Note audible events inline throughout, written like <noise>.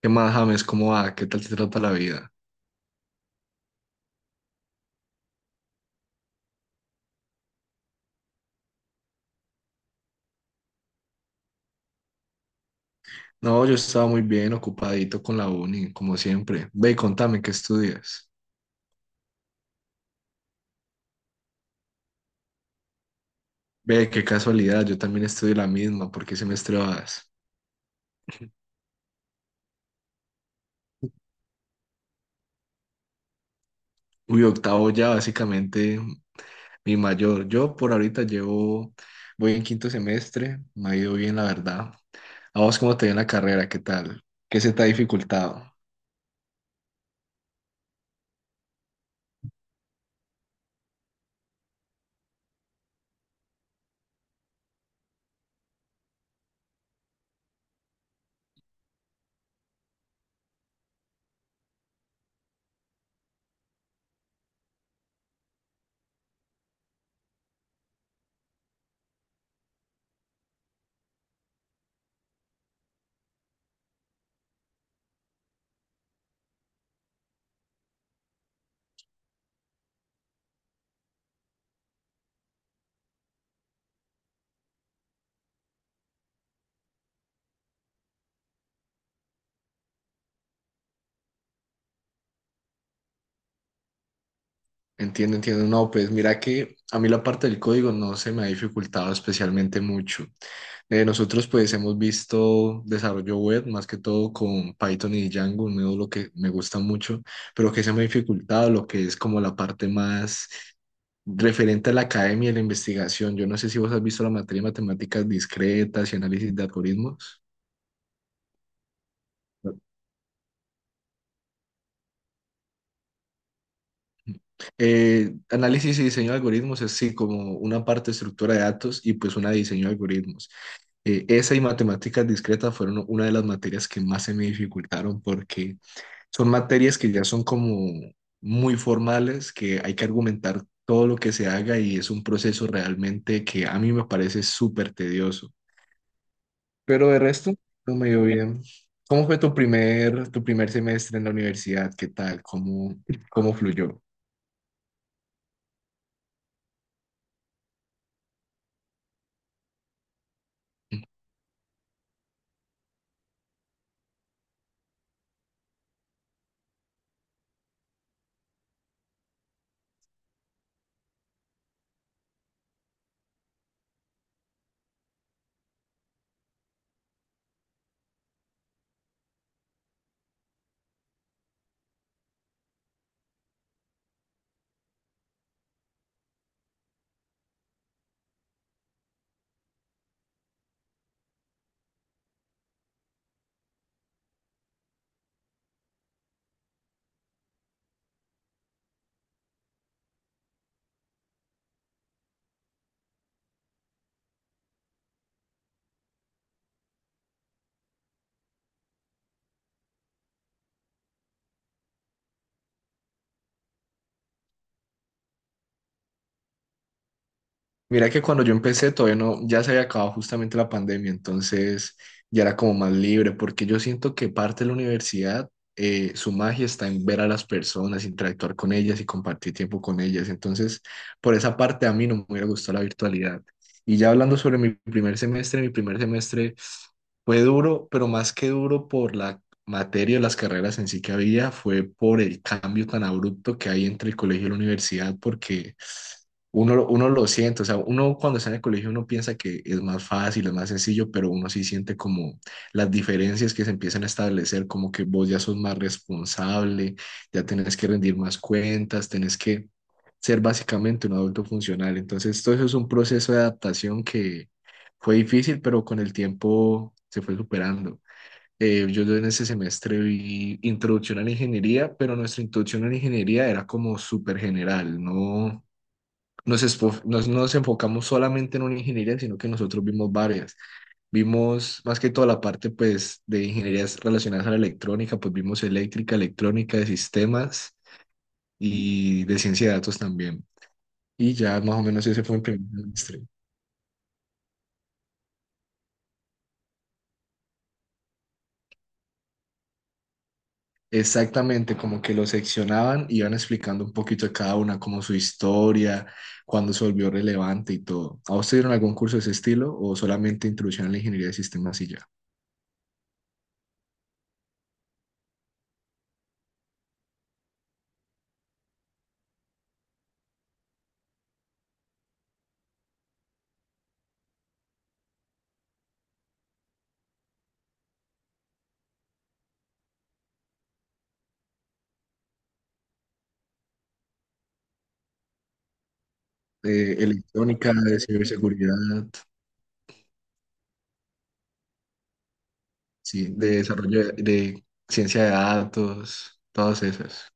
¿Qué más, James? ¿Cómo va? ¿Qué tal te trata la vida? No, yo estaba muy bien, ocupadito con la uni, como siempre. Ve, contame, ¿qué estudias? Ve, qué casualidad, yo también estudio la misma, ¿por qué semestre vas? Uy, octavo ya, básicamente mi mayor. Yo por ahorita llevo, voy en quinto semestre, me ha ido bien, la verdad. A vos, ¿cómo te dio en la carrera? ¿Qué tal? ¿Qué se te ha dificultado? Entiendo, entiendo. No, pues mira que a mí la parte del código no se me ha dificultado especialmente mucho. Nosotros pues hemos visto desarrollo web más que todo con Python y Django, un módulo que me gusta mucho, pero que se me ha dificultado lo que es como la parte más referente a la academia y la investigación. Yo no sé si vos has visto la materia de matemáticas discretas y análisis de algoritmos. No. Análisis y diseño de algoritmos es sí como una parte de estructura de datos y pues una de diseño de algoritmos. Esa y matemáticas discretas fueron una de las materias que más se me dificultaron porque son materias que ya son como muy formales, que hay que argumentar todo lo que se haga y es un proceso realmente que a mí me parece súper tedioso. Pero de resto, no me dio bien. ¿Cómo fue tu primer semestre en la universidad? ¿Qué tal? ¿Cómo, cómo fluyó? Mira que cuando yo empecé todavía no, ya se había acabado justamente la pandemia, entonces ya era como más libre, porque yo siento que parte de la universidad, su magia está en ver a las personas, interactuar con ellas y compartir tiempo con ellas, entonces por esa parte a mí no me hubiera gustado la virtualidad. Y ya hablando sobre mi primer semestre fue duro, pero más que duro por la materia, las carreras en sí que había, fue por el cambio tan abrupto que hay entre el colegio y la universidad, porque... Uno, uno lo siente, o sea, uno cuando está en el colegio uno piensa que es más fácil, es más sencillo, pero uno sí siente como las diferencias que se empiezan a establecer, como que vos ya sos más responsable, ya tenés que rendir más cuentas, tenés que ser básicamente un adulto funcional. Entonces, todo eso es un proceso de adaptación que fue difícil, pero con el tiempo se fue superando. Yo en ese semestre vi introducción a la ingeniería, pero nuestra introducción a la ingeniería era como súper general, ¿no? Nos enfocamos solamente en una ingeniería, sino que nosotros vimos varias. Vimos más que toda la parte pues, de ingenierías relacionadas a la electrónica, pues vimos eléctrica, electrónica, de sistemas y de ciencia de datos también. Y ya más o menos ese fue el primer semestre. Exactamente, como que lo seccionaban y iban explicando un poquito a cada una, como su historia, cuándo se volvió relevante y todo. ¿A usted dieron algún curso de ese estilo o solamente introducción a la ingeniería de sistemas y ya? Electrónica, de ciberseguridad. Sí, de de ciencia de datos, todas esas.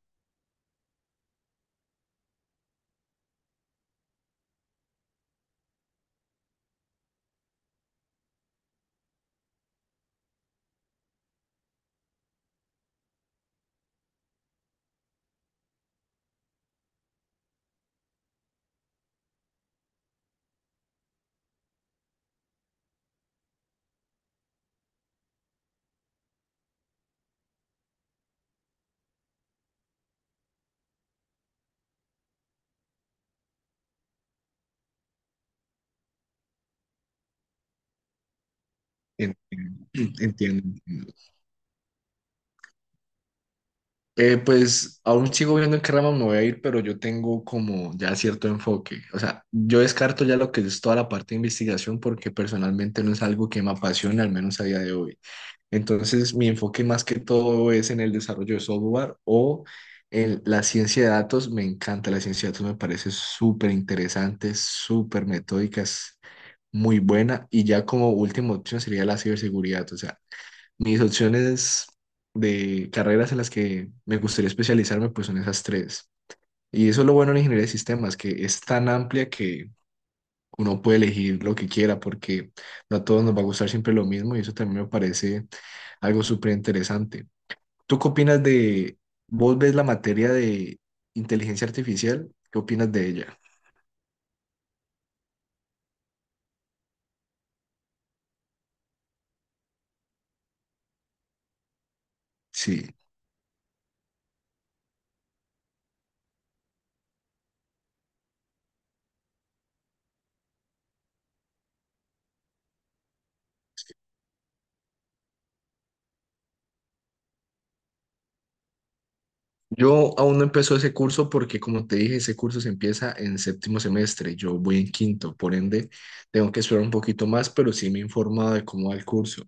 Entiendo, <clears throat> entiendo. Entiendo. Pues aún sigo viendo en qué rama me voy a ir, pero yo tengo como ya cierto enfoque. O sea, yo descarto ya lo que es toda la parte de investigación porque personalmente no es algo que me apasione, al menos a día de hoy. Entonces, mi enfoque más que todo es en el desarrollo de software o en la ciencia de datos. Me encanta la ciencia de datos, me parece súper interesante, súper metódicas, muy buena. Y ya como última opción sería la ciberseguridad. O sea, mis opciones de carreras en las que me gustaría especializarme, pues son esas tres. Y eso es lo bueno en ingeniería de sistemas, que es tan amplia que uno puede elegir lo que quiera, porque no a todos nos va a gustar siempre lo mismo y eso también me parece algo súper interesante. ¿Tú qué opinas de, vos ves la materia de inteligencia artificial? ¿Qué opinas de ella? Sí. Yo aún no empezó ese curso porque, como te dije, ese curso se empieza en séptimo semestre. Yo voy en quinto, por ende, tengo que esperar un poquito más, pero sí me he informado de cómo va el curso.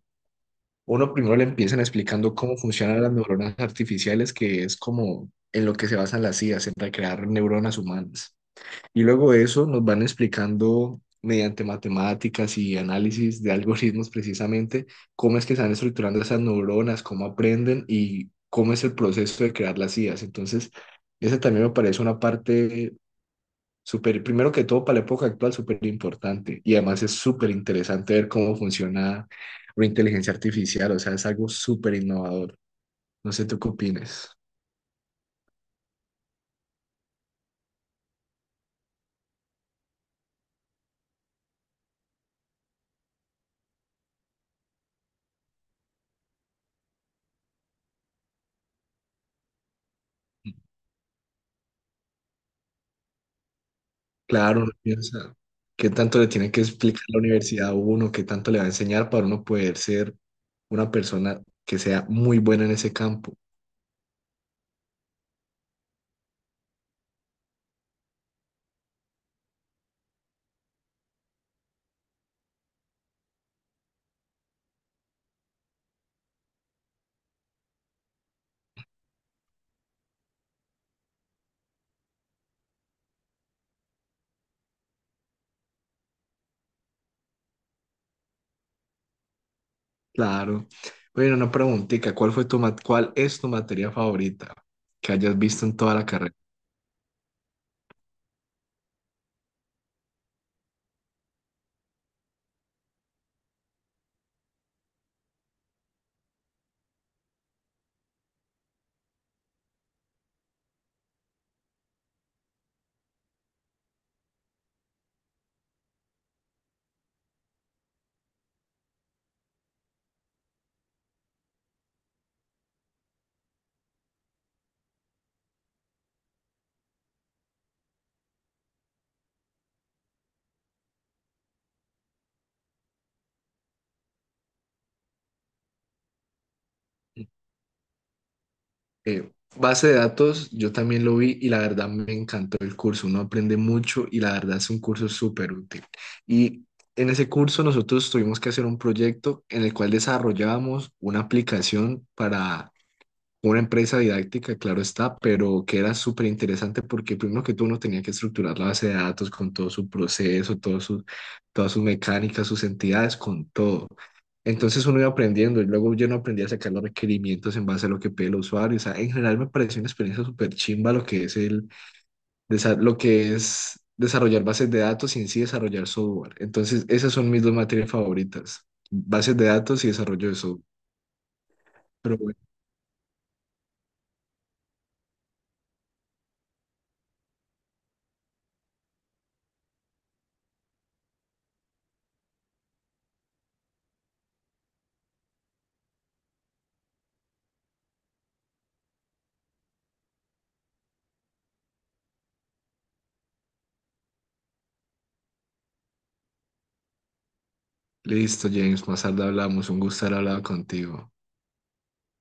Uno primero le empiezan explicando cómo funcionan las neuronas artificiales, que es como en lo que se basan las IAs, en recrear neuronas humanas. Y luego de eso nos van explicando mediante matemáticas y análisis de algoritmos precisamente cómo es que se van estructurando esas neuronas, cómo aprenden y cómo es el proceso de crear las IAs. Entonces, esa también me parece una parte súper, primero que todo para la época actual, súper importante. Y además es súper interesante ver cómo funciona la inteligencia artificial, o sea, es algo súper innovador. No sé tú qué opines. Claro, uno piensa, ¿qué tanto le tiene que explicar la universidad a uno? ¿Qué tanto le va a enseñar para uno poder ser una persona que sea muy buena en ese campo? Claro. Bueno, una preguntita, ¿cuál fue tu cuál es tu materia favorita que hayas visto en toda la carrera? Base de datos, yo también lo vi y la verdad me encantó el curso. Uno aprende mucho y la verdad es un curso súper útil. Y en ese curso nosotros tuvimos que hacer un proyecto en el cual desarrollábamos una aplicación para una empresa didáctica, claro está, pero que era súper interesante porque primero que todo uno tenía que estructurar la base de datos con todo su proceso, todas sus mecánicas, sus entidades, con todo. Entonces uno iba aprendiendo y luego yo no aprendí a sacar los requerimientos en base a lo que pide el usuario. O sea, en general me pareció una experiencia súper chimba lo que es lo que es desarrollar bases de datos y en sí desarrollar software. Entonces esas son mis dos materias favoritas, bases de datos y desarrollo de software. Pero bueno, listo, James, más tarde hablamos. Un gusto haber hablado contigo.